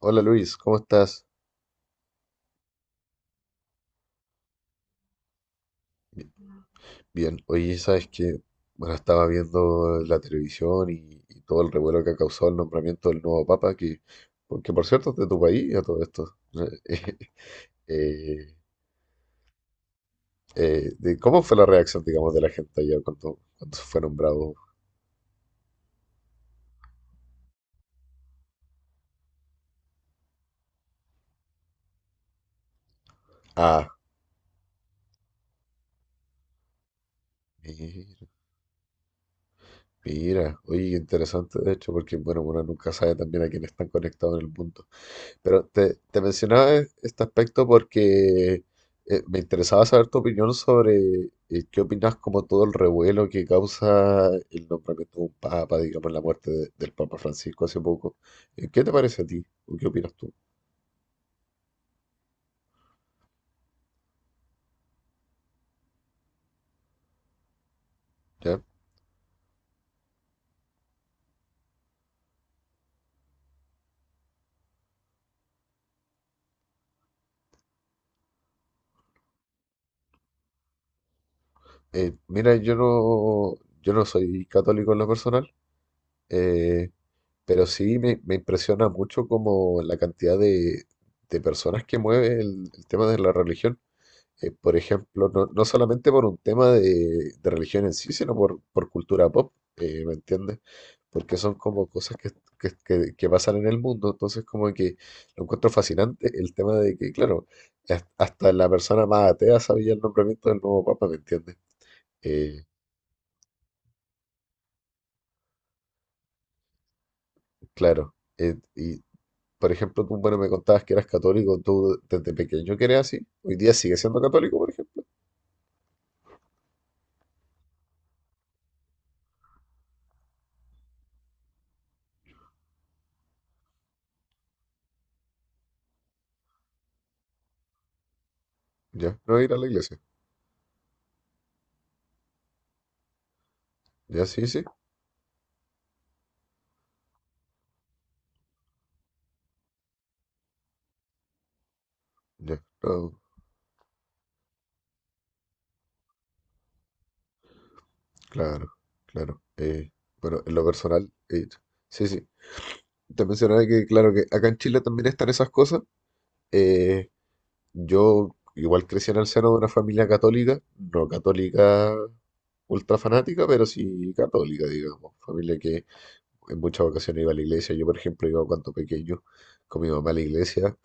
Hola Luis, ¿cómo estás? Bi- Bien, oye, sabes que, bueno, estaba viendo la televisión y todo el revuelo que ha causado el nombramiento del nuevo Papa, que, porque por cierto es de tu país a todo esto. Eh, eh, ¿Cómo fue la reacción, digamos, de la gente allá cuando fue nombrado? Ah, mira, mira, oye, interesante de hecho, porque, bueno, uno nunca sabe también a quién están conectados en el mundo. Pero te mencionaba este aspecto porque me interesaba saber tu opinión sobre qué opinas como todo el revuelo que causa el nombramiento de un papa, digamos, la muerte del Papa Francisco hace poco. ¿Qué te parece a ti? ¿O qué opinas tú? ¿Ya? Mira, yo no soy católico en lo personal, eh, pero sí me impresiona mucho como la cantidad de personas que mueve el tema de la religión. Por ejemplo, no solamente por un tema de religión en sí, sino por cultura pop, ¿me entiendes? Porque son como cosas que pasan en el mundo, entonces como que lo encuentro fascinante el tema de que, claro, hasta la persona más atea sabía el nombramiento del nuevo papa, ¿me entiendes? Eh, claro, y por ejemplo, tú, bueno, me contabas que eras católico, tú desde pequeño que eras así, hoy día sigues siendo católico, por ejemplo, ya, no ir a la iglesia, ya, sí, sí, ya, no. Claro, claro. Bueno, en lo personal, sí, sí. Te mencionaba que, claro, que acá en Chile también están esas cosas. Eh, yo igual crecí en el seno de una familia católica, no católica ultra fanática, pero sí católica, digamos. Familia que en muchas ocasiones iba a la iglesia. Yo, por ejemplo, iba cuando pequeño con mi mamá a la iglesia,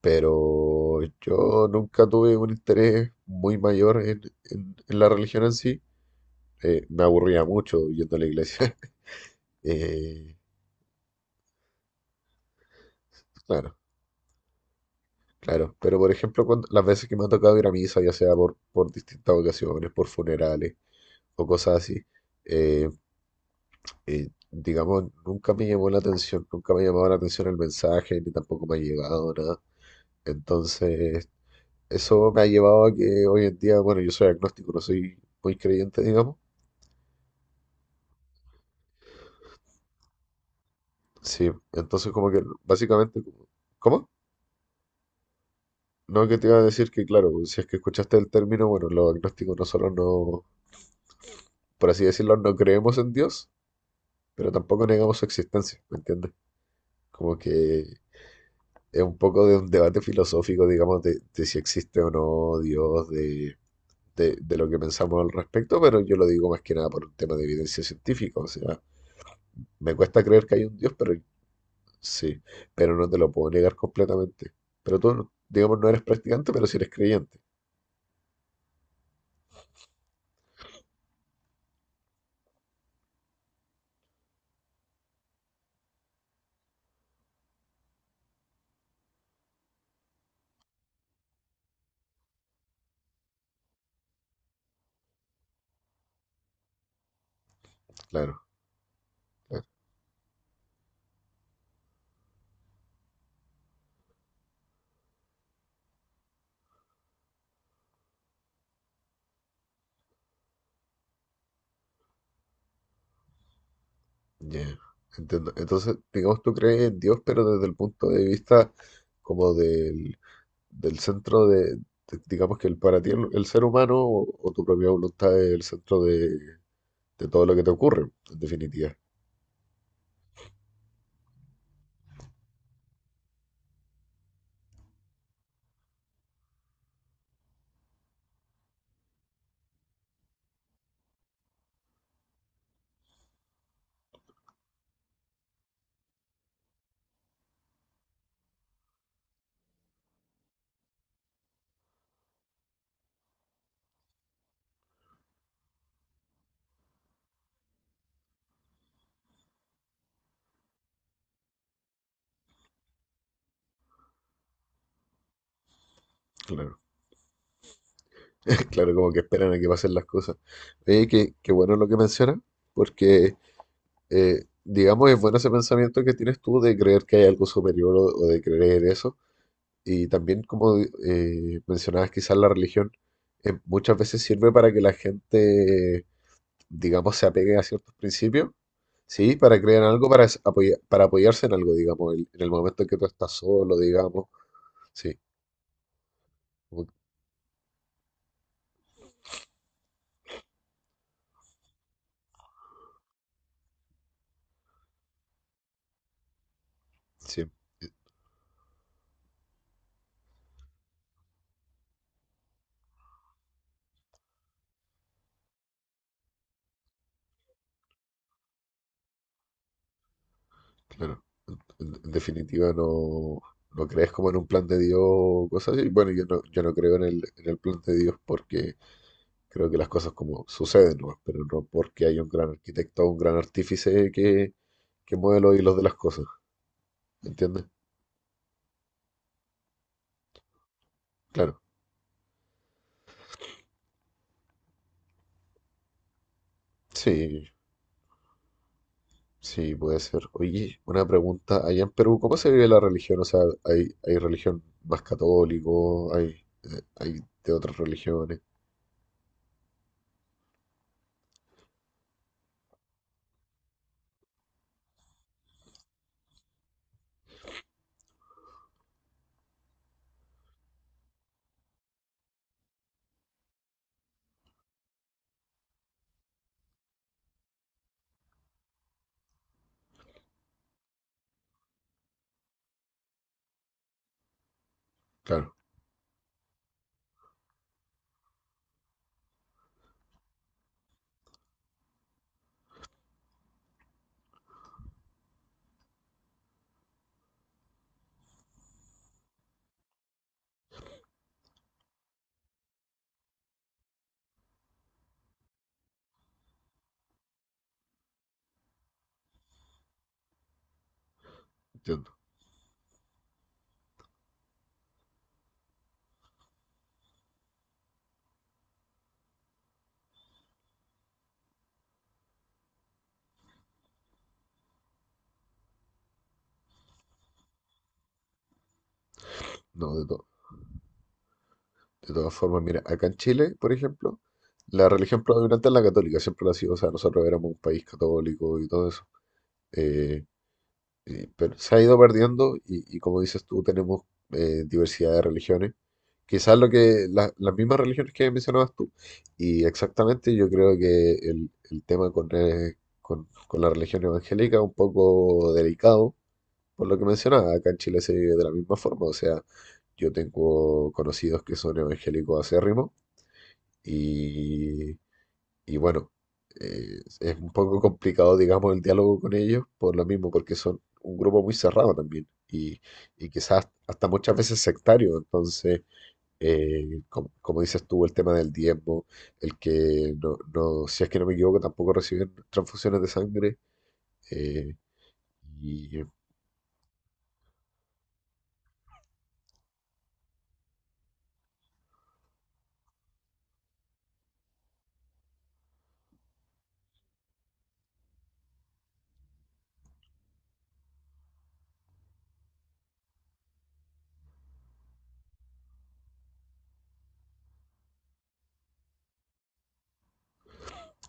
pero yo nunca tuve un interés muy mayor en la religión en sí. Me aburría mucho yendo a la iglesia. Eh, claro, claro. Pero por ejemplo, las veces que me ha tocado ir a misa, ya sea por distintas ocasiones, por funerales o cosas así, eh, digamos, nunca me llamó la atención, nunca me llamaba la atención el mensaje, ni tampoco me ha llegado nada. Entonces, eso me ha llevado a que hoy en día, bueno, yo soy agnóstico, no soy muy creyente, digamos. Sí, entonces como que básicamente, como, ¿cómo? No, que te iba a decir que claro, si es que escuchaste el término, bueno, los agnósticos nosotros, por así decirlo, no creemos en Dios, pero tampoco negamos su existencia, ¿me entiendes? Como que es un poco de un debate filosófico, digamos, de si existe o no Dios, de lo que pensamos al respecto, pero yo lo digo más que nada por un tema de evidencia científica, o sea, me cuesta creer que hay un Dios, pero sí, pero no te lo puedo negar completamente. Pero tú, digamos, no eres practicante, pero sí eres creyente, claro, claro, ya, entiendo. Entonces, digamos, tú crees en Dios, pero desde el punto de vista como del del centro de, digamos que el, para ti el ser humano o tu propia voluntad es el centro de todo lo que te ocurre, en definitiva. Claro, claro, como que esperan a que pasen las cosas. Oye, qué, qué bueno lo que mencionas, porque digamos es bueno ese pensamiento que tienes tú de creer que hay algo superior o de creer eso. Y también como mencionabas quizás la religión, muchas veces sirve para que la gente digamos, se apegue a ciertos principios, ¿sí? Para crear algo, para, para apoyarse en algo, digamos, en el momento en que tú estás solo, digamos, sí, como que- sí, claro. En, definitiva, no, no crees como en un plan de Dios o cosas así. Bueno, yo no creo en el plan de Dios porque creo que las cosas como suceden, ¿no? Pero no porque hay un gran arquitecto o un gran artífice que mueve los hilos de las cosas, ¿entiendes? Claro, sí. Sí, puede ser. Oye, una pregunta. Allá en Perú, ¿cómo se vive la religión? O sea, ¿hay, hay religión más católico? ¿Hay, hay de otras religiones? Claro, entiendo. No, de to- De todas formas, mira, acá en Chile, por ejemplo, la religión predominante es la católica, siempre lo ha sido. O sea, nosotros éramos un país católico y todo eso. Eh, Sí, pero se ha ido perdiendo y, como dices tú, tenemos diversidad de religiones. Quizás lo que las mismas religiones que mencionabas tú. Y exactamente yo creo que el tema con la religión evangélica es un poco delicado, por lo que mencionaba. Acá en Chile se vive de la misma forma. O sea, yo tengo conocidos que son evangélicos acérrimos y, y bueno, es un poco complicado, digamos, el diálogo con ellos por lo mismo, porque son un grupo muy cerrado también y quizás hasta muchas veces sectario. Entonces, como dices tú, el tema del diezmo, el que si es que no me equivoco, tampoco reciben transfusiones de sangre. eh, y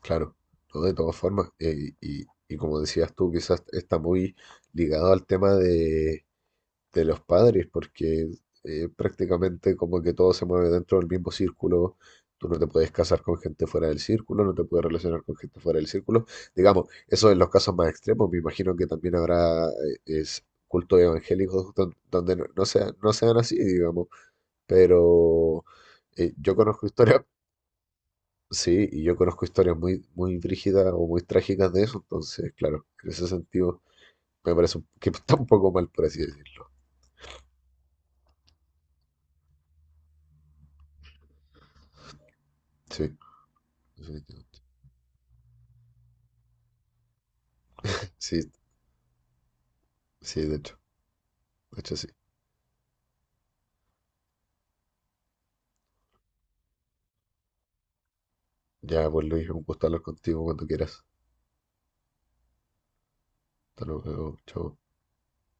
claro, ¿no? De todas formas, y como decías tú, quizás está muy ligado al tema de los padres, porque prácticamente como que todo se mueve dentro del mismo círculo. Tú no te puedes casar con gente fuera del círculo, no te puedes relacionar con gente fuera del círculo. Digamos, eso en los casos más extremos. Me imagino que también habrá cultos evangélicos donde, no sean así, digamos. Pero yo conozco historias, sí, y yo conozco historias muy, muy brígidas o muy trágicas de eso. Entonces, claro, en ese sentido me parece que está un poco mal, por así decirlo. Sí, definitivamente. Sí, sí, de hecho sí. Ya, pues Luis, un gusto hablar contigo cuando quieras. Hasta luego, chao.